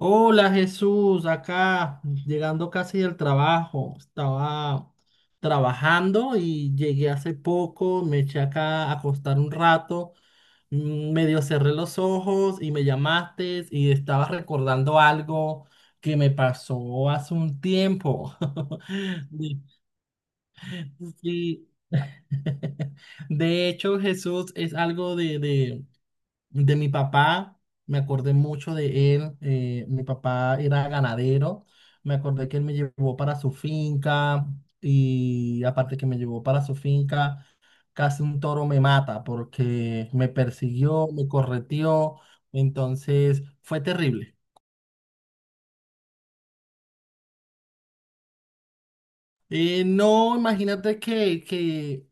Hola Jesús, acá llegando casi del trabajo. Estaba trabajando y llegué hace poco, me eché acá a acostar un rato, medio cerré los ojos y me llamaste y estaba recordando algo que me pasó hace un tiempo. De, sí. De hecho, Jesús, es algo de mi papá, me acordé mucho de él. Mi papá era ganadero. Me acordé que él me llevó para su finca y aparte que me llevó para su finca, casi un toro me mata porque me persiguió, me correteó. Entonces fue terrible. No, imagínate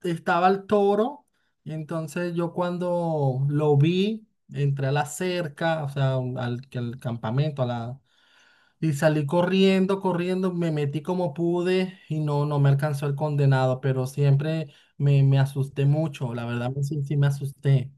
que estaba el toro, y entonces yo cuando lo vi, entré a la cerca, o sea, al campamento, y salí corriendo, corriendo, me metí como pude y no, no me alcanzó el condenado, pero siempre me asusté mucho, la verdad, sí, sí me asusté.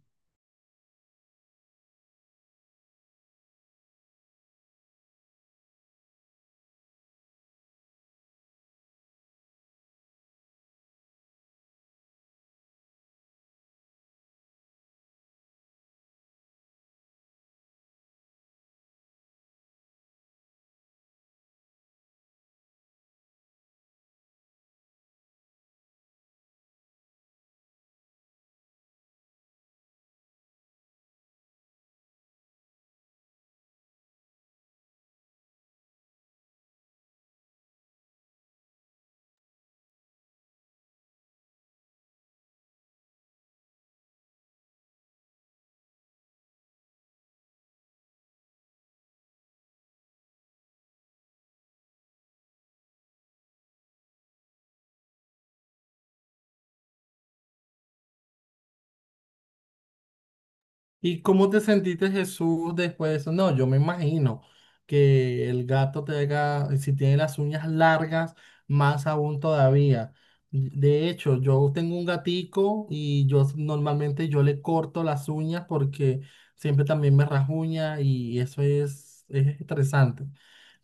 ¿Y cómo te sentiste, Jesús, después de eso? No, yo me imagino que el gato te haga, si tiene las uñas largas, más aún todavía. De hecho, yo tengo un gatico y normalmente yo le corto las uñas porque siempre también me rasguña y eso es estresante.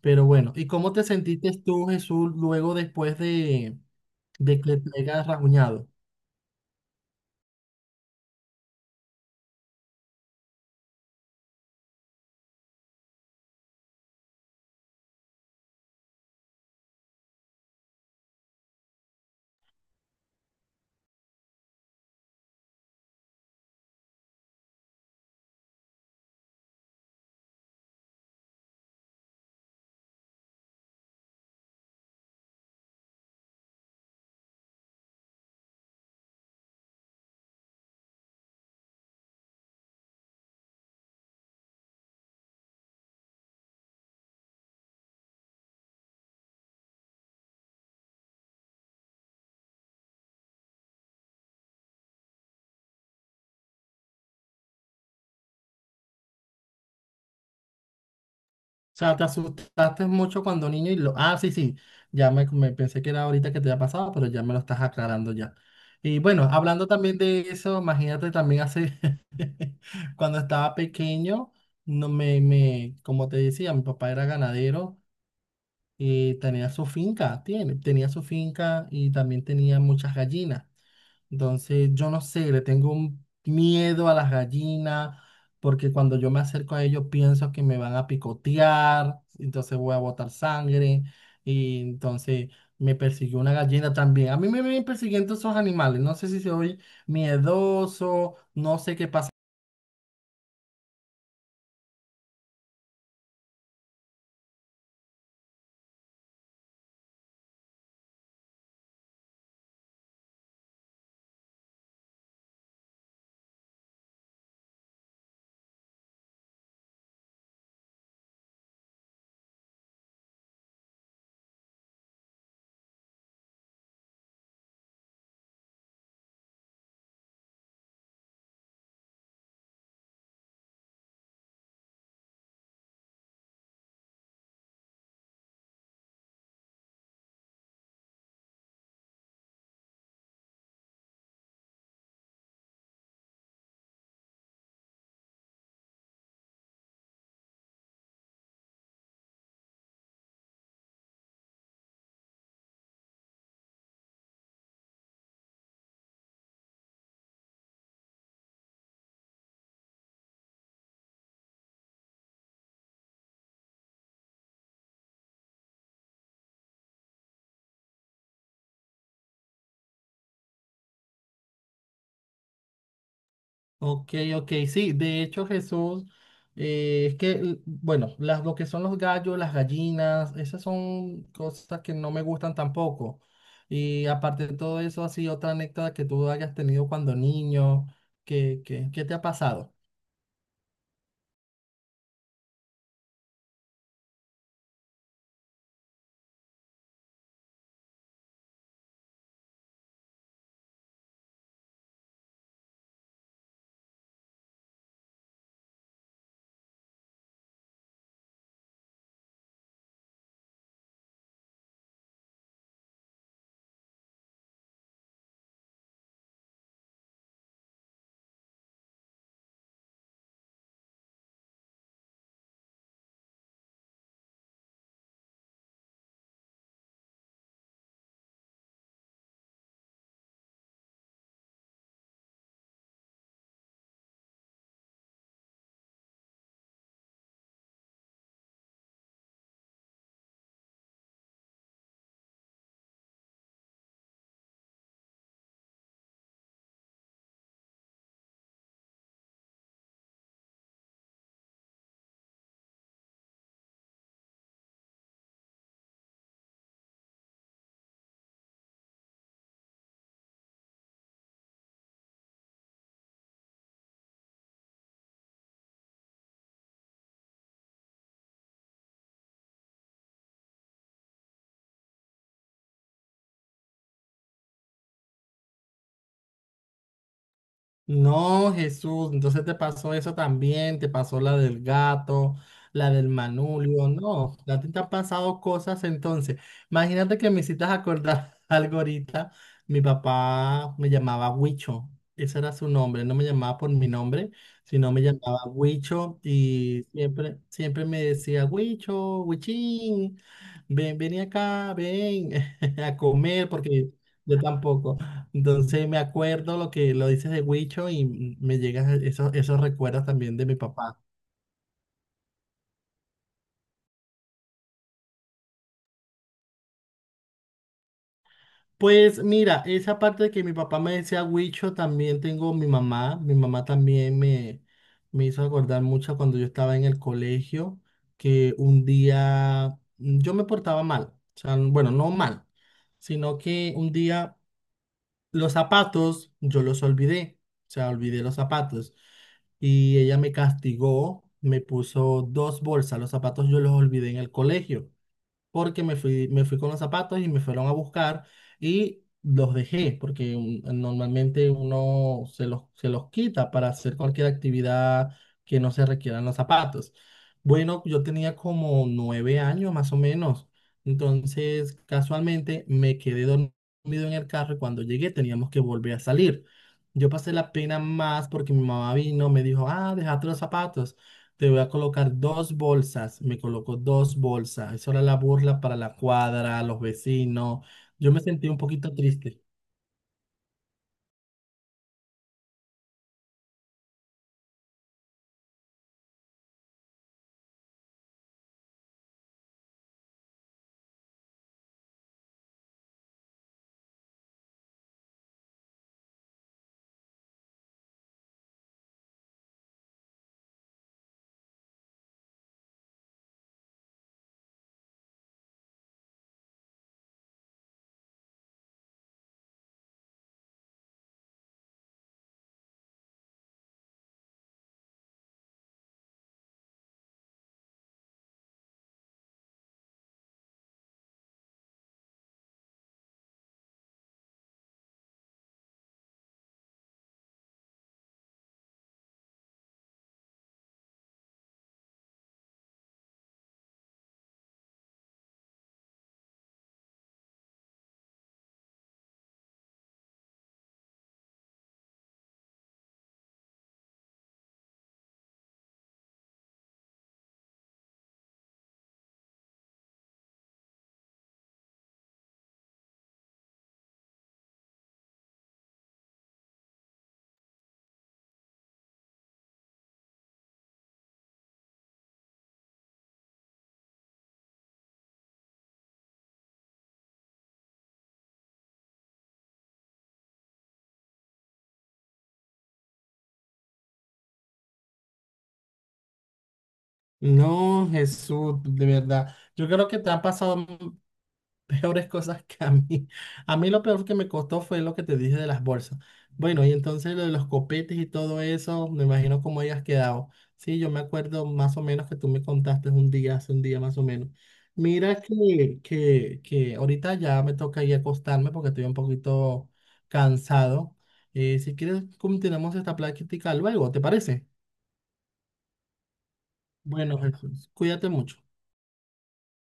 Pero bueno, ¿y cómo te sentiste tú, Jesús, luego después de que te hayas rasguñado? Sea, te asustaste mucho cuando niño y lo... Ah, sí, sí, me pensé que era ahorita que te había pasado, pero ya me lo estás aclarando ya. Y bueno, hablando también de eso, imagínate también hace, cuando estaba pequeño, no me, me, como te decía, mi papá era ganadero y tenía su finca, tiene, tenía su finca y también tenía muchas gallinas. Entonces, yo no sé, le tengo un miedo a las gallinas, porque cuando yo me acerco a ellos pienso que me van a picotear, entonces voy a botar sangre, y entonces me persiguió una gallina también. A mí me vienen persiguiendo esos animales, no sé si soy miedoso, no sé qué pasa. Ok, ok, sí, de hecho Jesús, es que, bueno, lo que son los gallos, las gallinas, esas son cosas que no me gustan tampoco. Y aparte de todo eso, así otra anécdota que tú hayas tenido cuando niño, ¿ qué te ha pasado? No, Jesús, entonces te pasó eso también, te pasó la del gato, la del manubrio, no, ya te han pasado cosas entonces. Imagínate que me hiciste acordar algo ahorita, mi papá me llamaba Huicho, ese era su nombre, no me llamaba por mi nombre, sino me llamaba Huicho y siempre, siempre me decía Huicho, Huichín, ven, ven acá, ven a comer porque yo tampoco. Entonces me acuerdo lo que lo dices de Huicho y me llegan esos, esos recuerdos también de mi papá. Pues mira, esa parte de que mi papá me decía Huicho, también tengo mi mamá. Mi mamá también me hizo acordar mucho cuando yo estaba en el colegio, que un día yo me portaba mal. O sea, bueno, no mal, sino que un día los zapatos, yo los olvidé, o sea, olvidé los zapatos. Y ella me castigó, me puso dos bolsas, los zapatos yo los olvidé en el colegio porque me fui con los zapatos y me fueron a buscar y los dejé, porque normalmente uno se los quita para hacer cualquier actividad que no se requieran los zapatos. Bueno, yo tenía como 9 años más o menos, entonces casualmente me quedé dormido en el carro y cuando llegué teníamos que volver a salir. Yo pasé la pena más porque mi mamá vino, me dijo, ah, dejaste los zapatos. Te voy a colocar dos bolsas. Me colocó dos bolsas. Eso era la burla para la cuadra, los vecinos. Yo me sentí un poquito triste. No, Jesús, de verdad. Yo creo que te han pasado peores cosas que a mí. A mí lo peor que me costó fue lo que te dije de las bolsas. Bueno, y entonces lo de los copetes y todo eso, me imagino cómo hayas quedado. Sí, yo me acuerdo más o menos que tú me contaste un día, hace un día más o menos. Mira que ahorita ya me toca ir a acostarme porque estoy un poquito cansado. Si quieres, continuamos esta plática luego, ¿te parece? Bueno, Jesús, cuídate mucho.